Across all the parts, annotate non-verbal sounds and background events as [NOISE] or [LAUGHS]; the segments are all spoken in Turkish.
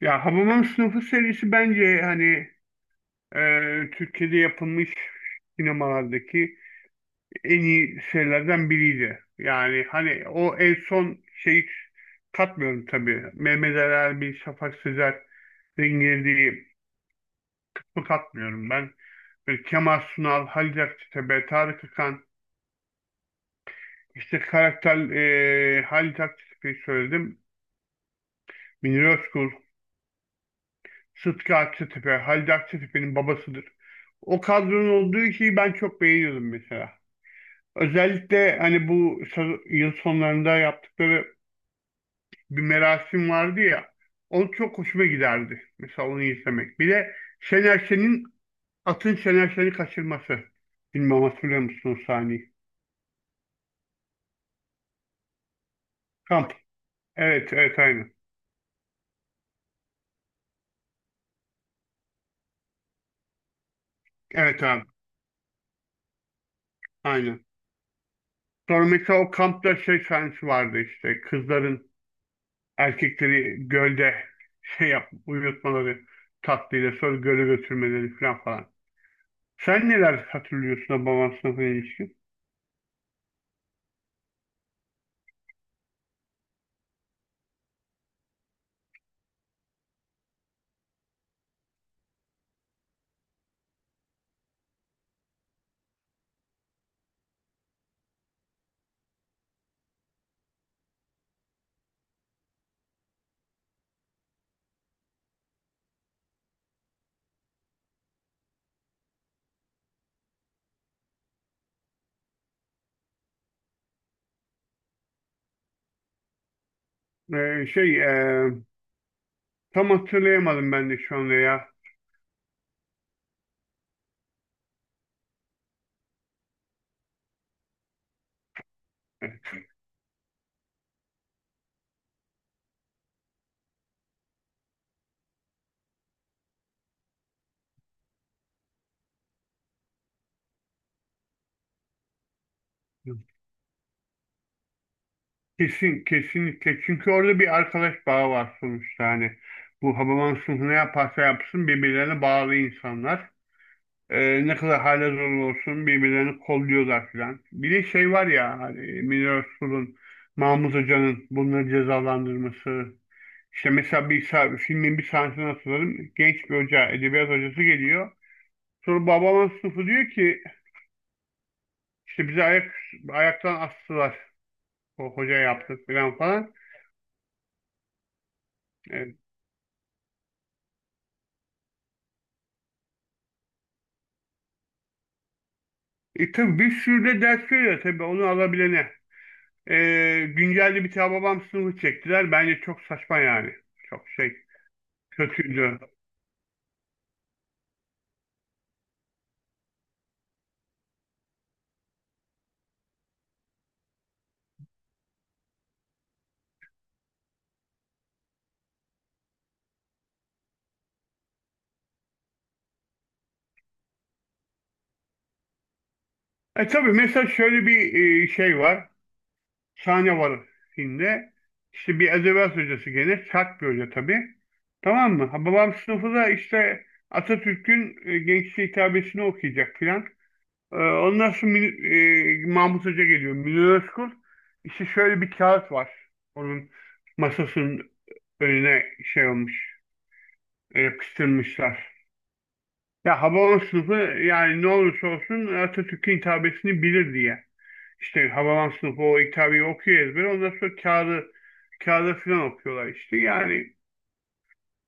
Ya Hababam Sınıfı serisi bence hani Türkiye'de yapılmış sinemalardaki en iyi şeylerden biriydi. Yani hani o en son şeyi katmıyorum tabii. Mehmet Ali Erbil, Şafak Sezer'in girdiği kısmı katmıyorum ben. Böyle Kemal Sunal, Halit Akçatepe, Tarık Akan, işte karakter Halit Akçatepe'yi söyledim. Münir Özkul. Sıtkı Akçatepe, Halide Akçatepe'nin babasıdır. O kadronun olduğu şeyi ben çok beğeniyordum mesela. Özellikle hani bu yıl sonlarında yaptıkları bir merasim vardı ya. O çok hoşuma giderdi. Mesela onu izlemek. Bir de Şener Şen'in atın Şener Şen'i kaçırması. Bilmem hatırlıyor musunuz o sahneyi? Kamp. Evet, evet aynen. Evet abi, aynen. Sonra mesela o kampta şey sahnesi vardı işte. Kızların erkekleri gölde [LAUGHS] şey yap, uyutmaları tatlıyla sonra göle götürmeleri falan falan. Sen neler hatırlıyorsun da baban sınıfına ilişkin? Ee, şey e, Tam hatırlayamadım ben de şu anda ya. Kesin, kesinlikle. Çünkü orada bir arkadaş bağı var sonuçta hani. Bu Hababam sınıfı ne yaparsa yapsın birbirlerine bağlı insanlar. Ne kadar hale zor olsun birbirlerini kolluyorlar filan. Bir de şey var ya hani Münir Özkul'un, Mahmut Hoca'nın bunları cezalandırması. İşte mesela filmin bir sahnesini hatırladım. Genç bir hoca, edebiyat hocası geliyor. Sonra babamın sınıfı diyor ki işte ayaktan astılar. O hoca yaptı filan falan. Evet. E, tabii bir sürü de ders veriyor tabii onu alabilene. Güncelde bir tane babam sınıfı çektiler. Bence çok saçma yani. Çok şey kötüydü. E tabii mesela şöyle bir şey var. Sahne var filmde. İşte bir edebiyat hocası gelir. Sert bir hoca tabii. Tamam mı? Ha, Babam sınıfı da işte Atatürk'ün gençliğe hitabesini okuyacak filan. E, ondan sonra Mahmut Hoca geliyor. Münir Özkul. İşte şöyle bir kağıt var. Onun masasının önüne şey olmuş. Yapıştırmışlar. Ya Hababam sınıfı yani ne olursa olsun Atatürk'ün hitabesini bilir diye. İşte Havalan sınıfı o kitabeyi okuyor ezber. Ondan sonra kağıda filan okuyorlar işte. Yani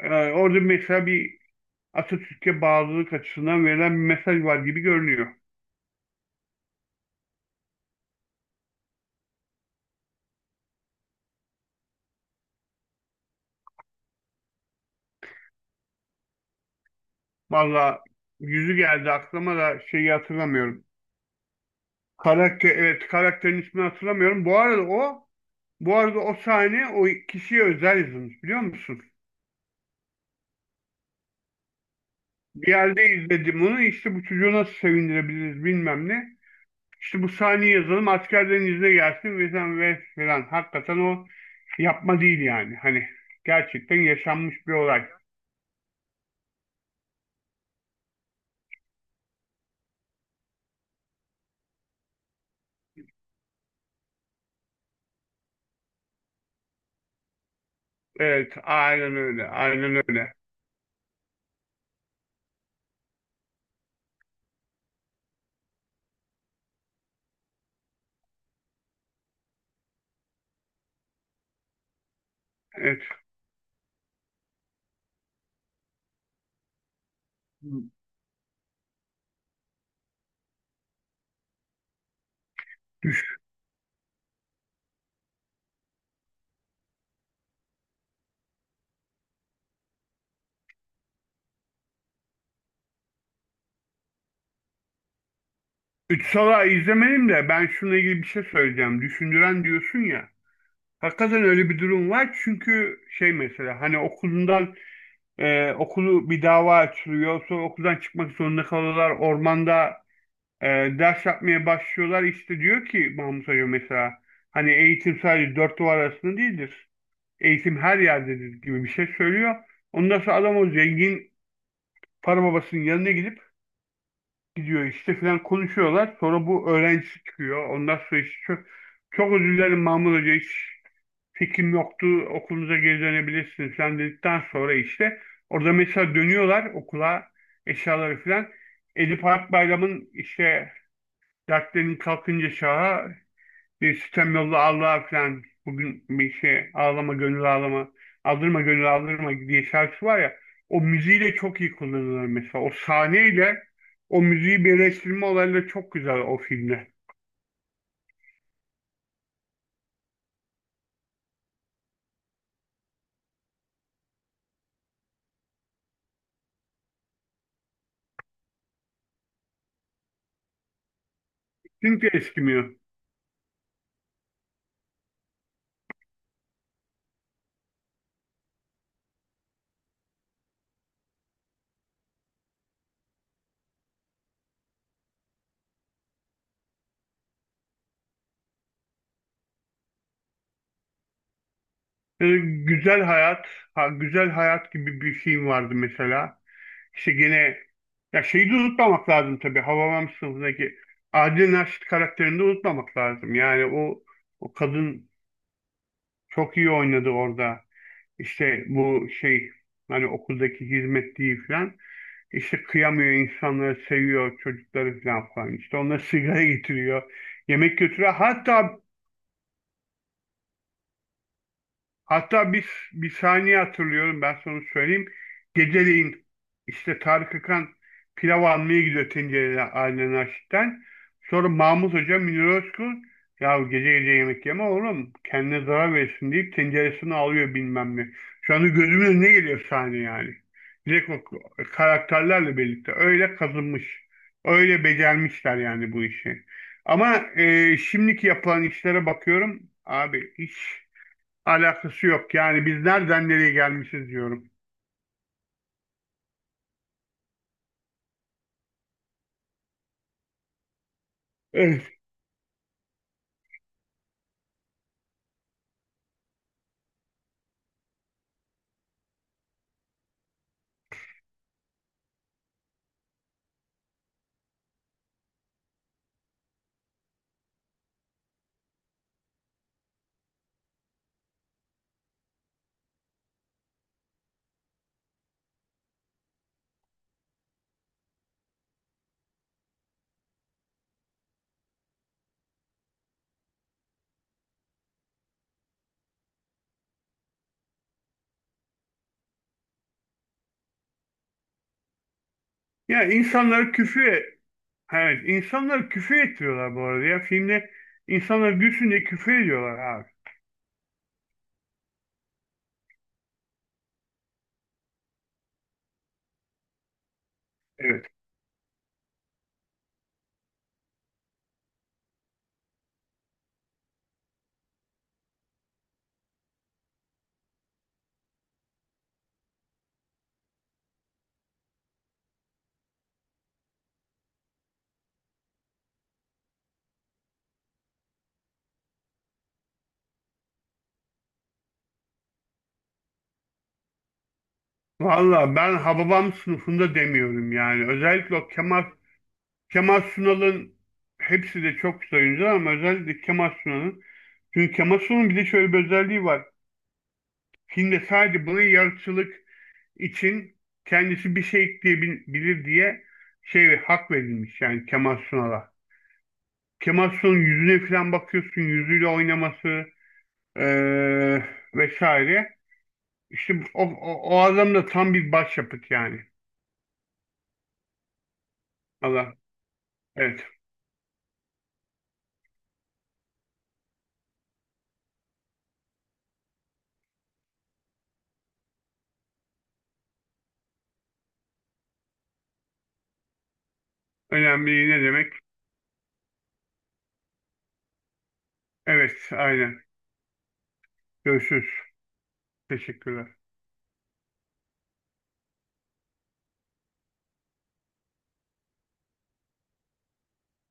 orada mesela bir Atatürk'e bağlılık açısından verilen bir mesaj var gibi görünüyor. Valla yüzü geldi aklıma da şeyi hatırlamıyorum. Karakter, evet karakterin ismini hatırlamıyorum. Bu arada o bu arada o sahne o kişiye özel yazılmış biliyor musun? Bir yerde izledim onu işte bu çocuğu nasıl sevindirebiliriz bilmem ne. İşte bu sahneyi yazalım askerlerin izine gelsin ve sen ve falan. Hakikaten o yapma değil yani. Hani gerçekten yaşanmış bir olay. Evet aynen öyle. Aynen öyle. Evet. Düş Üç Sala izlemedim de ben şununla ilgili bir şey söyleyeceğim. Düşündüren diyorsun ya. Hakikaten öyle bir durum var çünkü şey mesela hani okulundan okulu bir dava açılıyor sonra okuldan çıkmak zorunda kalıyorlar ormanda e, ders yapmaya başlıyorlar. İşte diyor ki Mahmut Hoca mesela hani eğitim sadece dört duvar arasında değildir. Eğitim her yerdedir gibi bir şey söylüyor. Ondan sonra adam o zengin para babasının yanına gidiyor işte filan konuşuyorlar. Sonra bu öğrencisi çıkıyor. Ondan sonra işte çok özür dilerim Mahmut Hoca hiç fikrim yoktu. Okulunuza geri dönebilirsiniz falan dedikten sonra işte orada mesela dönüyorlar okula eşyaları filan. Edip Akbayram'ın işte dertlerin kalkınca şaha bir sitem yolla Allah'a falan bugün bir şey ağlama gönül ağlama aldırma gönül aldırma diye şarkısı var ya o müziğiyle çok iyi kullanılır mesela o sahneyle o müziği birleştirme olayları çok güzel o filmde. Çünkü eskimiyor. Güzel Hayat, ha, Güzel Hayat gibi bir film vardı mesela. İşte gene ya şeyi de unutmamak lazım tabii. Hababam sınıfındaki Adile Naşit karakterini de unutmamak lazım. Yani o kadın çok iyi oynadı orada. İşte bu şey hani okuldaki hizmetliği falan. İşte kıyamıyor insanları seviyor çocukları falan falan. İşte onlara sigara getiriyor. Yemek götürüyor. Hatta bir saniye hatırlıyorum ben sana söyleyeyim. Geceleyin işte Tarık Akan pilav almaya gidiyor tencereli Ailen Aşik'ten. Sonra Mahmut Hoca Münir Özkul ya gece gece yemek yeme oğlum kendine zarar verirsin deyip tenceresini alıyor bilmem ne. Şu anda gözümün önüne geliyor sahne yani. Direkt o karakterlerle birlikte öyle kazınmış. Öyle becermişler yani bu işi. Ama şimdiki yapılan işlere bakıyorum abi hiç alakası yok. Yani biz nereden nereye gelmişiz diyorum. Evet. Ya insanları küfür e-, evet insanları küfür ettiriyorlar bu arada ya. Filmde insanları gülsün diye küfür ediyorlar abi. Evet. Valla ben Hababam sınıfında demiyorum yani. Özellikle o Kemal Sunal'ın hepsi de çok güzel oyuncular ama özellikle Kemal Sunal'ın. Çünkü Kemal Sunal'ın bir de şöyle bir özelliği var. Filmde sadece buna yaratıcılık için kendisi bir şey ekleyebilir diye şey hak verilmiş yani Kemal Sunal'a. Kemal Sunal'ın yüzüne falan bakıyorsun, yüzüyle oynaması eee, vesaire. İşte o adam da tam bir başyapıt yani. Allah, evet. Önemli ne demek? Evet, aynen. Görüşürüz. Teşekkürler.